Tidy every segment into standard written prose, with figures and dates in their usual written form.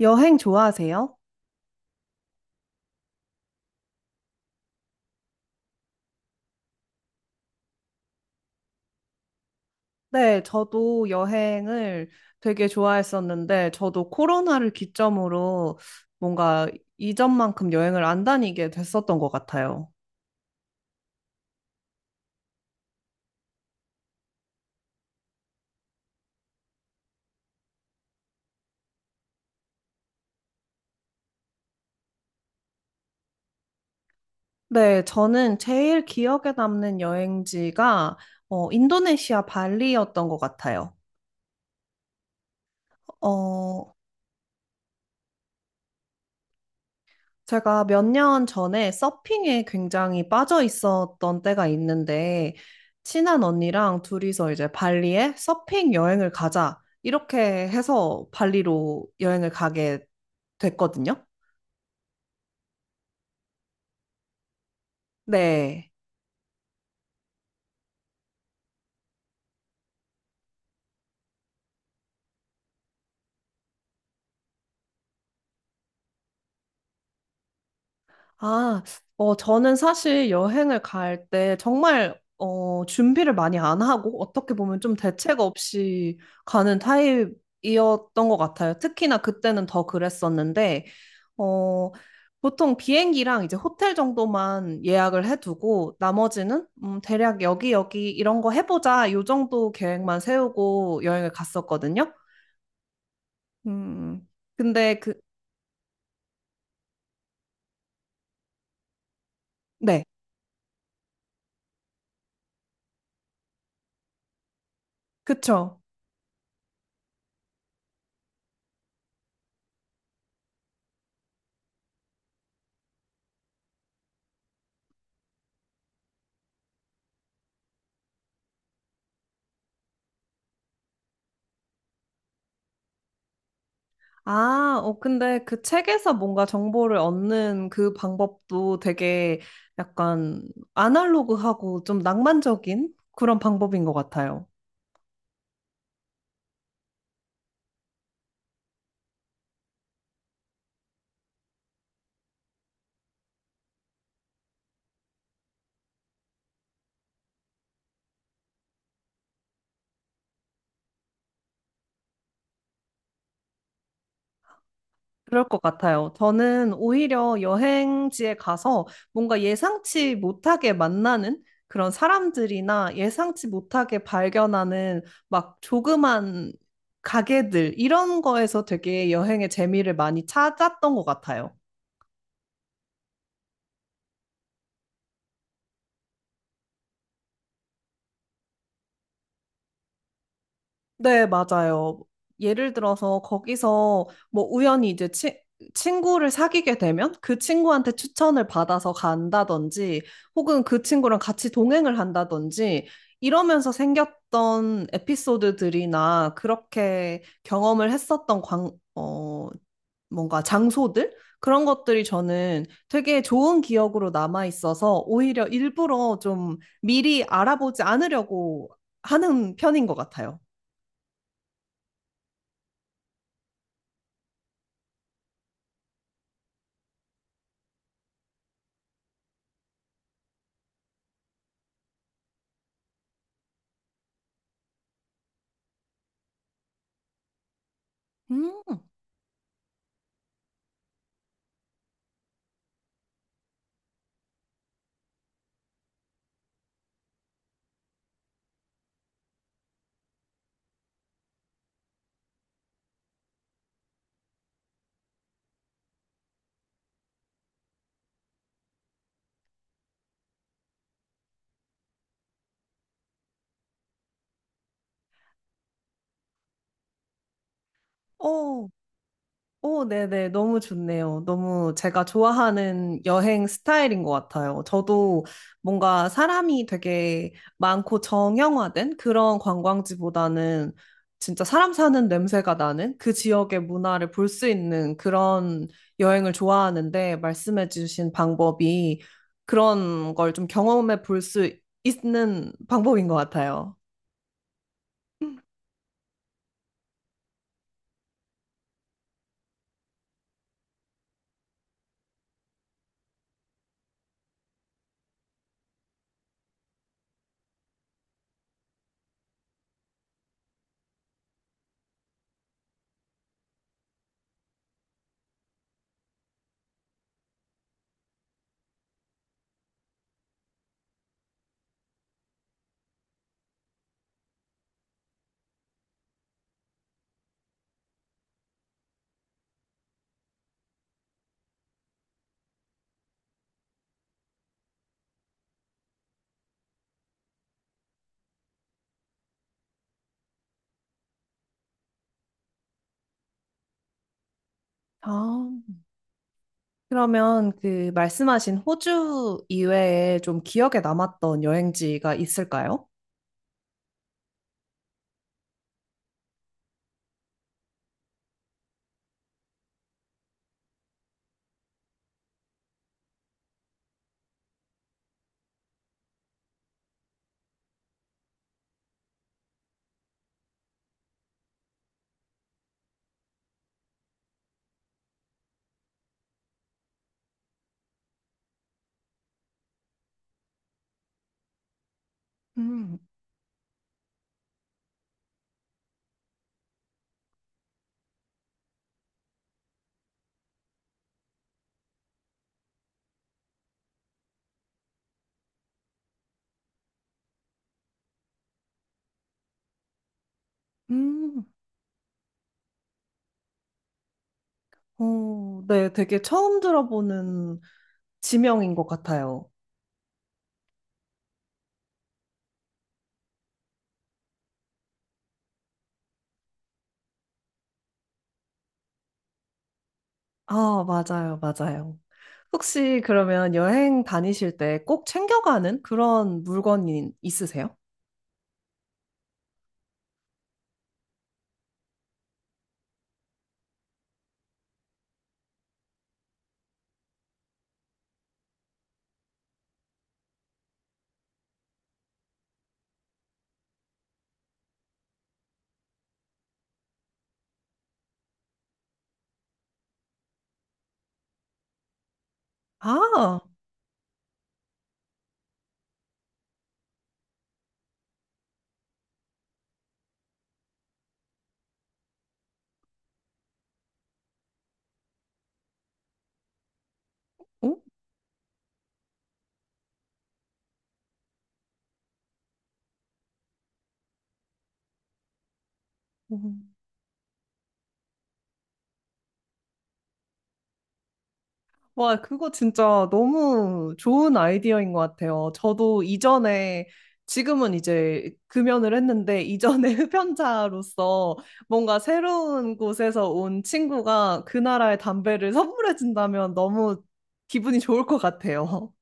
여행 좋아하세요? 네, 저도 여행을 되게 좋아했었는데, 저도 코로나를 기점으로 뭔가 이전만큼 여행을 안 다니게 됐었던 것 같아요. 네, 저는 제일 기억에 남는 여행지가 인도네시아 발리였던 것 같아요. 어, 제가 몇 년 전에 서핑에 굉장히 빠져 있었던 때가 있는데, 친한 언니랑 둘이서 이제 발리에 서핑 여행을 가자. 이렇게 해서 발리로 여행을 가게 됐거든요. 네. 아, 저는 사실 여행을 갈 때 정말 준비를 많이 안 하고 어떻게 보면 좀 대책 없이 가는 타입이었던 것 같아요. 특히나 그때는 더 그랬었는데, 어, 보통 비행기랑 이제 호텔 정도만 예약을 해두고 나머지는 대략 여기 여기 이런 거 해보자 요 정도 계획만 세우고 여행을 갔었거든요. 음, 근데 그, 네, 그쵸. 근데 그 책에서 뭔가 정보를 얻는 그 방법도 되게 약간 아날로그하고 좀 낭만적인 그런 방법인 것 같아요. 그럴 것 같아요. 저는 오히려 여행지에 가서 뭔가 예상치 못하게 만나는 그런 사람들이나 예상치 못하게 발견하는 막 조그만 가게들 이런 거에서 되게 여행의 재미를 많이 찾았던 것 같아요. 네, 맞아요. 예를 들어서 거기서 뭐 우연히 이제 친구를 사귀게 되면 그 친구한테 추천을 받아서 간다든지 혹은 그 친구랑 같이 동행을 한다든지 이러면서 생겼던 에피소드들이나 그렇게 경험을 했었던 뭔가 장소들? 그런 것들이 저는 되게 좋은 기억으로 남아 있어서 오히려 일부러 좀 미리 알아보지 않으려고 하는 편인 것 같아요. 오, 오, 네네. 너무 좋네요. 너무 제가 좋아하는 여행 스타일인 것 같아요. 저도 뭔가 사람이 되게 많고 정형화된 그런 관광지보다는 진짜 사람 사는 냄새가 나는 그 지역의 문화를 볼 수 있는 그런 여행을 좋아하는데 말씀해주신 방법이 그런 걸 좀 경험해 볼 수 있는 방법인 것 같아요. 아. 그러면 그 말씀하신 호주 이외에 좀 기억에 남았던 여행지가 있을까요? 음, 음. 어, 네, 되게 처음 들어보는 지명인 것 같아요. 아, 맞아요, 맞아요. 혹시 그러면 여행 다니실 때 꼭 챙겨가는 그런 물건이 있으세요? 아, 어? 와, 그거 진짜 너무 좋은 아이디어인 것 같아요. 저도 이전에, 지금은 이제 금연을 했는데, 이전에 흡연자로서 뭔가 새로운 곳에서 온 친구가 그 나라의 담배를 선물해준다면 너무 기분이 좋을 것 같아요.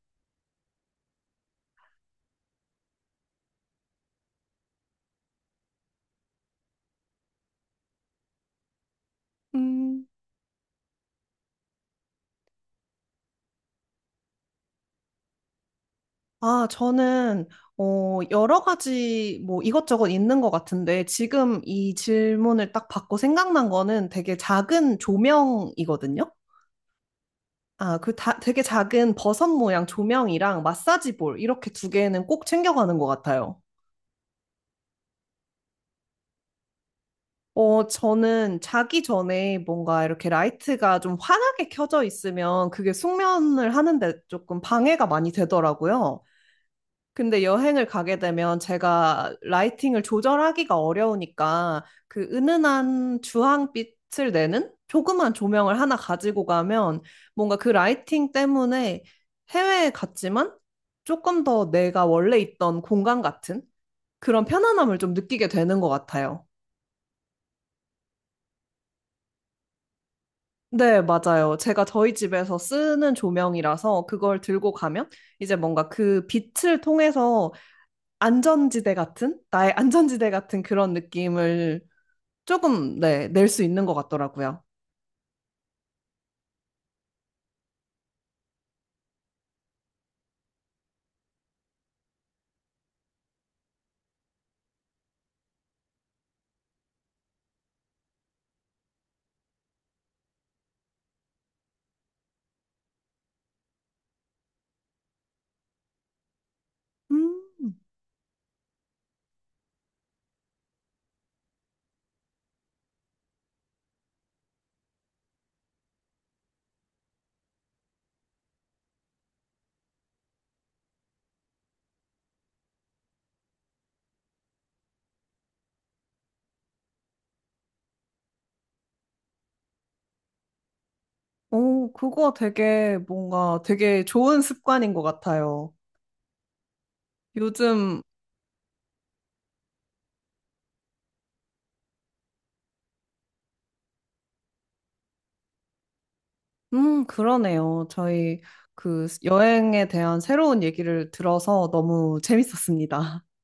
음, 아, 저는, 여러 가지 뭐 이것저것 있는 것 같은데, 지금 이 질문을 딱 받고 생각난 거는 되게 작은 조명이거든요. 되게 작은 버섯 모양 조명이랑 마사지 볼 이렇게 두 개는 꼭 챙겨가는 것 같아요. 저는 자기 전에 뭔가 이렇게 라이트가 좀 환하게 켜져 있으면 그게 숙면을 하는데 조금 방해가 많이 되더라고요. 근데 여행을 가게 되면 제가 라이팅을 조절하기가 어려우니까 그 은은한 주황빛을 내는 조그만 조명을 하나 가지고 가면 뭔가 그 라이팅 때문에 해외에 갔지만 조금 더 내가 원래 있던 공간 같은 그런 편안함을 좀 느끼게 되는 것 같아요. 네, 맞아요. 제가 저희 집에서 쓰는 조명이라서 그걸 들고 가면 이제 뭔가 그 빛을 통해서 안전지대 같은, 나의 안전지대 같은 그런 느낌을 조금, 네, 낼 수 있는 것 같더라고요. 음, 오, 그거 되게 뭔가 되게 좋은 습관인 것 같아요. 요즘 그러네요. 저희 그 여행에 대한 새로운 얘기를 들어서 너무 재밌었습니다.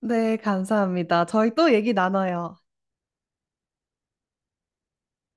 네, 감사합니다. 저희 또 얘기 나눠요.